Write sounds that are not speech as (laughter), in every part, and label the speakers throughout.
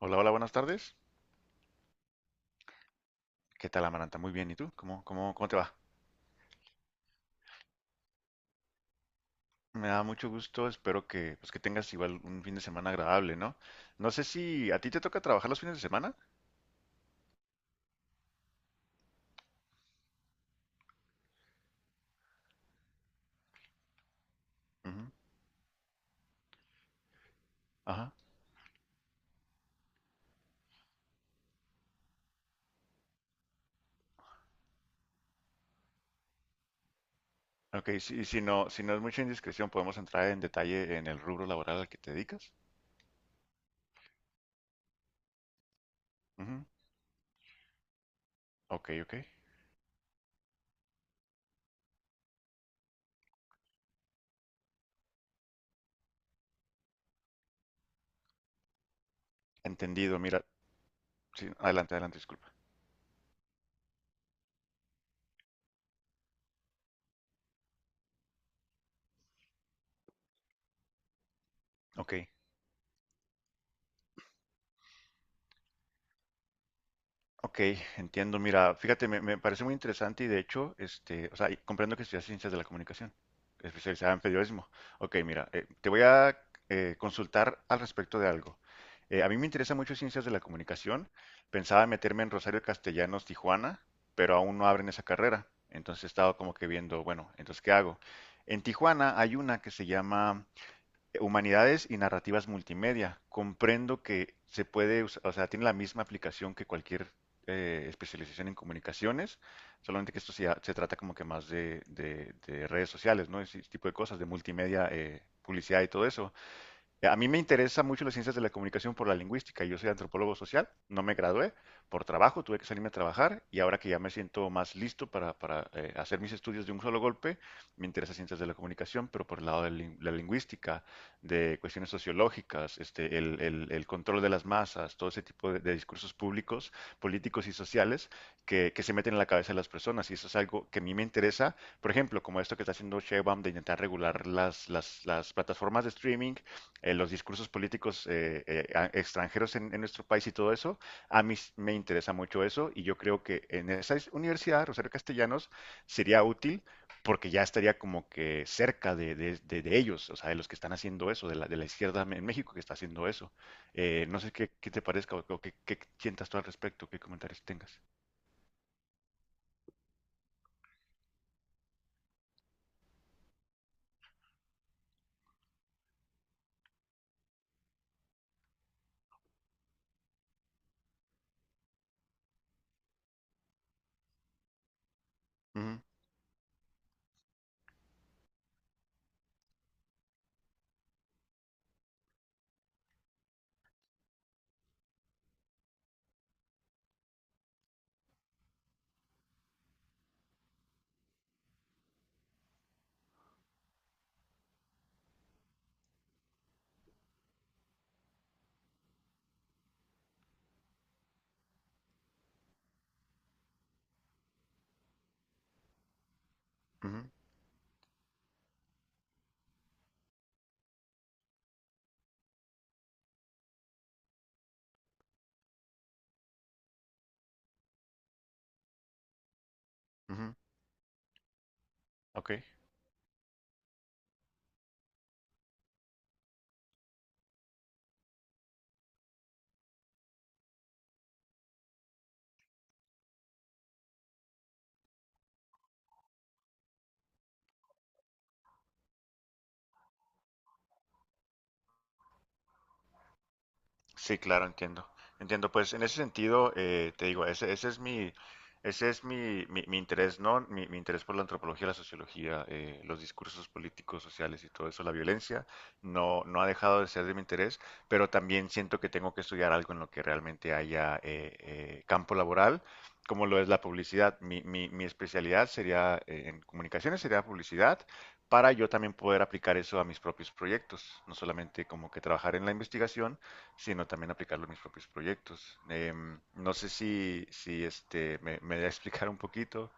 Speaker 1: Hola, hola, buenas tardes. ¿Qué tal, Amaranta? Muy bien. ¿Y tú? ¿Cómo te va? Me da mucho gusto. Espero que, pues, que tengas igual un fin de semana agradable, ¿no? No sé si a ti te toca trabajar los fines de semana. Ujú. Ajá. Ok, si no es mucha indiscreción, podemos entrar en detalle en el rubro laboral al que te dedicas. Ujú. Ok, ok. Entendido. Mira, sí, adelante, disculpa. Ok. Ok, entiendo. Mira, fíjate, me parece muy interesante y de hecho, este, o sea, y comprendo que estudias ciencias de la comunicación, especializada en periodismo. Ok, mira, te voy a consultar al respecto de algo. A mí me interesa mucho ciencias de la comunicación. Pensaba meterme en Rosario Castellanos, Tijuana, pero aún no abren esa carrera. Entonces he estado como que viendo, bueno, entonces, ¿qué hago? En Tijuana hay una que se llama Humanidades y Narrativas Multimedia. Comprendo que se puede, o sea, tiene la misma aplicación que cualquier especialización en comunicaciones, solamente que esto se trata como que más de, de redes sociales, ¿no? Ese tipo de cosas, de multimedia, publicidad y todo eso. A mí me interesa mucho las ciencias de la comunicación por la lingüística. Yo soy antropólogo social, no me gradué por trabajo, tuve que salirme a trabajar y ahora que ya me siento más listo hacer mis estudios de un solo golpe, me interesa ciencias de la comunicación, pero por el lado de la lingüística, de cuestiones sociológicas, este, el control de las masas, todo ese tipo de discursos públicos, políticos y sociales que se meten en la cabeza de las personas y eso es algo que a mí me interesa, por ejemplo, como esto que está haciendo Sheinbaum de intentar regular las, las plataformas de streaming los discursos políticos extranjeros en nuestro país y todo eso, a me interesa mucho eso y yo creo que en esa universidad, Rosario Castellanos, sería útil porque ya estaría como que cerca de, de ellos, o sea, de los que están haciendo eso, de la izquierda en México que está haciendo eso. No sé qué, qué te parezca o qué, qué sientas tú al respecto, qué comentarios tengas. Ujú, ujú, ujú, ok. Sí, claro, entiendo. Entiendo, pues en ese sentido, te digo, ese es mi, ese es mi interés, ¿no? Mi interés por la antropología, la sociología, los discursos políticos, sociales y todo eso, la violencia, no, no ha dejado de ser de mi interés, pero también siento que tengo que estudiar algo en lo que realmente haya campo laboral, como lo es la publicidad. Mi especialidad sería, en comunicaciones sería publicidad, para yo también poder aplicar eso a mis propios proyectos, no solamente como que trabajar en la investigación, sino también aplicarlo en mis propios proyectos. Em, no sé si, si este, me da a explicar un poquito.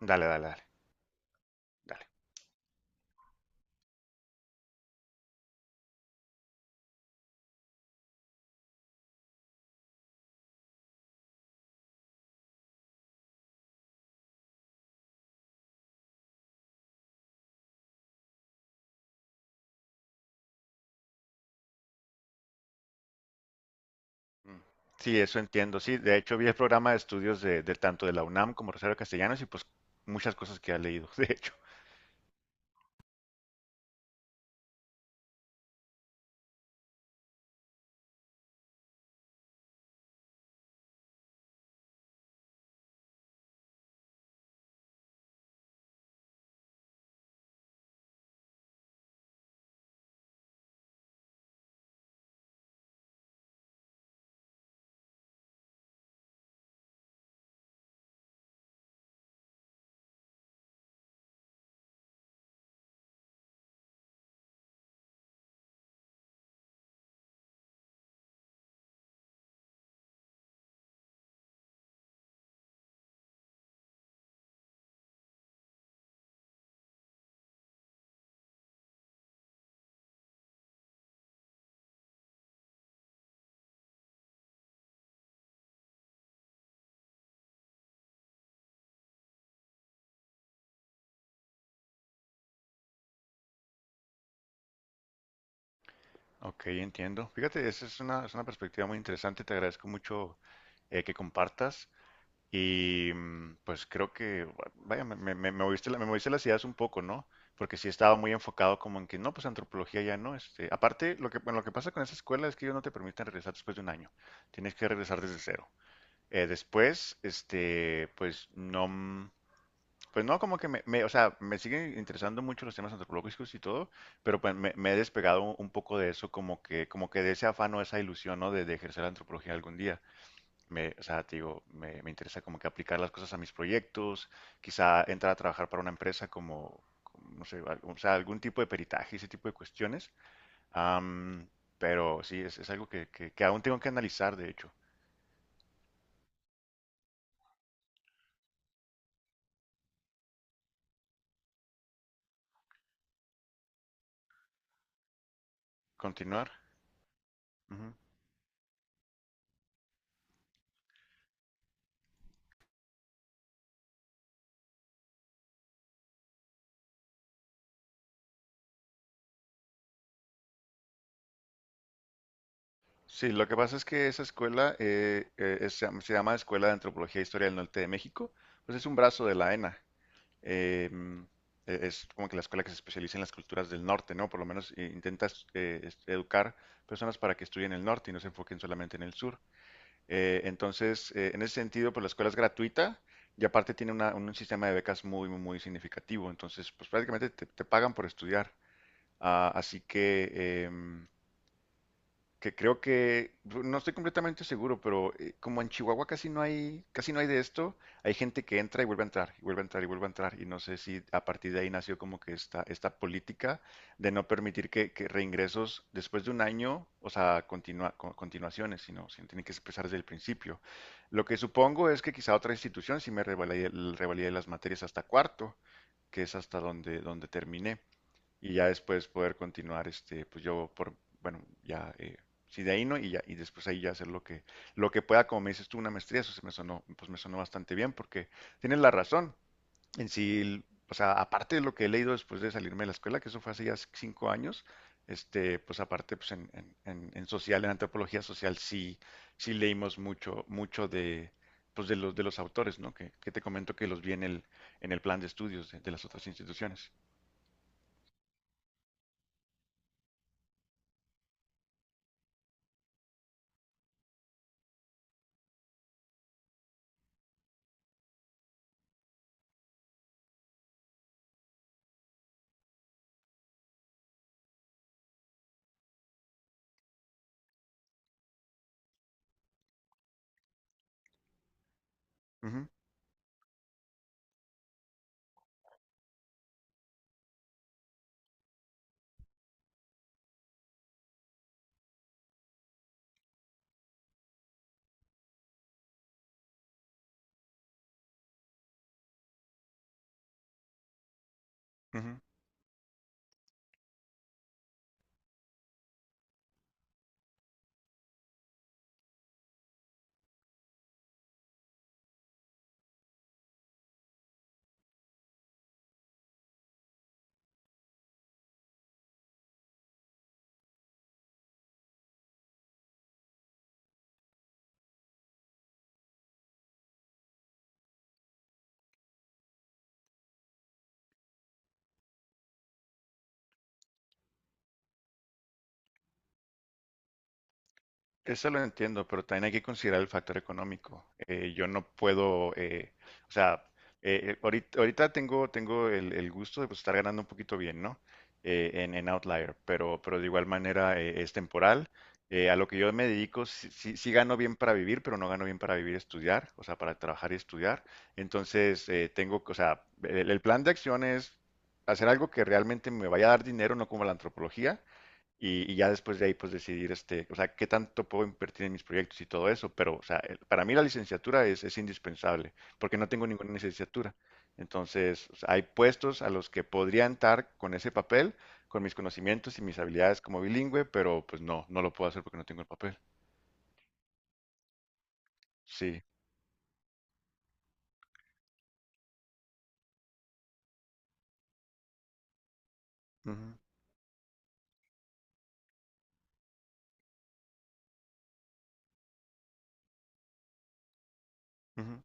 Speaker 1: Dale, dale. Mm. Sí, eso entiendo. Sí, de hecho vi el programa de estudios de tanto de la UNAM como Rosario Castellanos y pues muchas cosas que ha leído, (laughs) de hecho. Ok, entiendo. Fíjate, esa es una perspectiva muy interesante. Te agradezco mucho que compartas. Y mm, pues creo que, vaya, me moviste la, me moviste las ideas un poco, ¿no? Porque sí estaba muy enfocado como en que, no, pues antropología ya no. Este, aparte, lo que, bueno, lo que pasa con esa escuela es que ellos no te permiten regresar después de un año. Tienes que regresar desde cero. Después, este, pues no, mm, pues no, como que o sea, me siguen interesando mucho los temas antropológicos y todo, pero pues me he despegado un poco de eso, como que de ese afán o esa ilusión, ¿no? De ejercer la antropología algún día o sea, te digo, me interesa como que aplicar las cosas a mis proyectos, quizá entrar a trabajar para una empresa como, como, no sé, o sea, algún tipo de peritaje, ese tipo de cuestiones. Am, pero sí, es algo que, que aún tengo que analizar, de hecho. Continuar. Ujú. Sí, lo que pasa es que esa escuela se llama Escuela de Antropología e Historia del Norte de México, pues es un brazo de la ENA. eh, es como que la escuela que se especializa en las culturas del norte, ¿no? Por lo menos intenta educar personas para que estudien el norte y no se enfoquen solamente en el sur. Entonces, en ese sentido, pues la escuela es gratuita y aparte tiene un sistema de becas muy, muy, muy significativo. Entonces, pues prácticamente te pagan por estudiar. Ah, así que, em, que creo que, pues, no estoy completamente seguro, pero como en Chihuahua casi no hay de esto, hay gente que entra y vuelve a entrar, y vuelve a entrar, y vuelve a entrar, y no sé si a partir de ahí nació como que esta política de no permitir que reingresos después de un año, o sea, continuaciones, sino tienen que empezar desde el principio. Lo que supongo es que quizá otra institución sí me revalide las materias hasta cuarto, que es hasta donde, donde terminé y ya después poder continuar, este, pues yo por, bueno, ya, si de ahí no, y ya, y después ahí ya hacer lo que pueda, como me dices tú, una maestría, eso se me sonó, pues me sonó bastante bien, porque tienes la razón, en sí, o sea, aparte de lo que he leído después de salirme de la escuela, que eso fue hace ya 5 años, este, pues aparte, pues en, en social, en antropología social, sí, sí leímos mucho, mucho de, pues de los autores, ¿no? Que te comento que los vi en el plan de estudios de las otras instituciones. Ujú, ujú. Eso lo entiendo, pero también hay que considerar el factor económico. Yo no puedo, o sea, ahorita, ahorita tengo, tengo el gusto de pues, estar ganando un poquito bien, ¿no? En Outlier, pero de igual manera es temporal. A lo que yo me dedico, sí, sí gano bien para vivir, pero no gano bien para vivir y estudiar, o sea, para trabajar y estudiar. Entonces, tengo, o sea, el plan de acción es hacer algo que realmente me vaya a dar dinero, no como la antropología, y ya después de ahí, pues decidir, este, o sea, qué tanto puedo invertir en mis proyectos y todo eso. Pero, o sea, para mí la licenciatura es indispensable, porque no tengo ninguna licenciatura. Entonces, o sea, hay puestos a los que podría entrar con ese papel, con mis conocimientos y mis habilidades como bilingüe, pero pues no, no lo puedo hacer porque no tengo el papel. Sí. Ujú, ujú.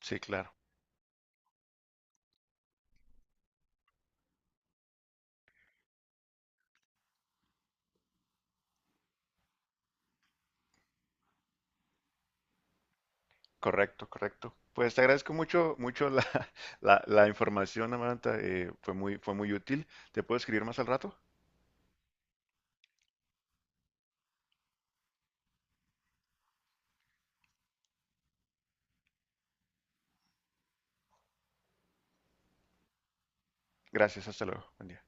Speaker 1: Sí, claro. Correcto, correcto. Pues te agradezco mucho, mucho la, (laughs) la información, Amanda. Eh, fue muy útil. ¿Te puedo escribir más al rato? Gracias, hasta luego. Buen día.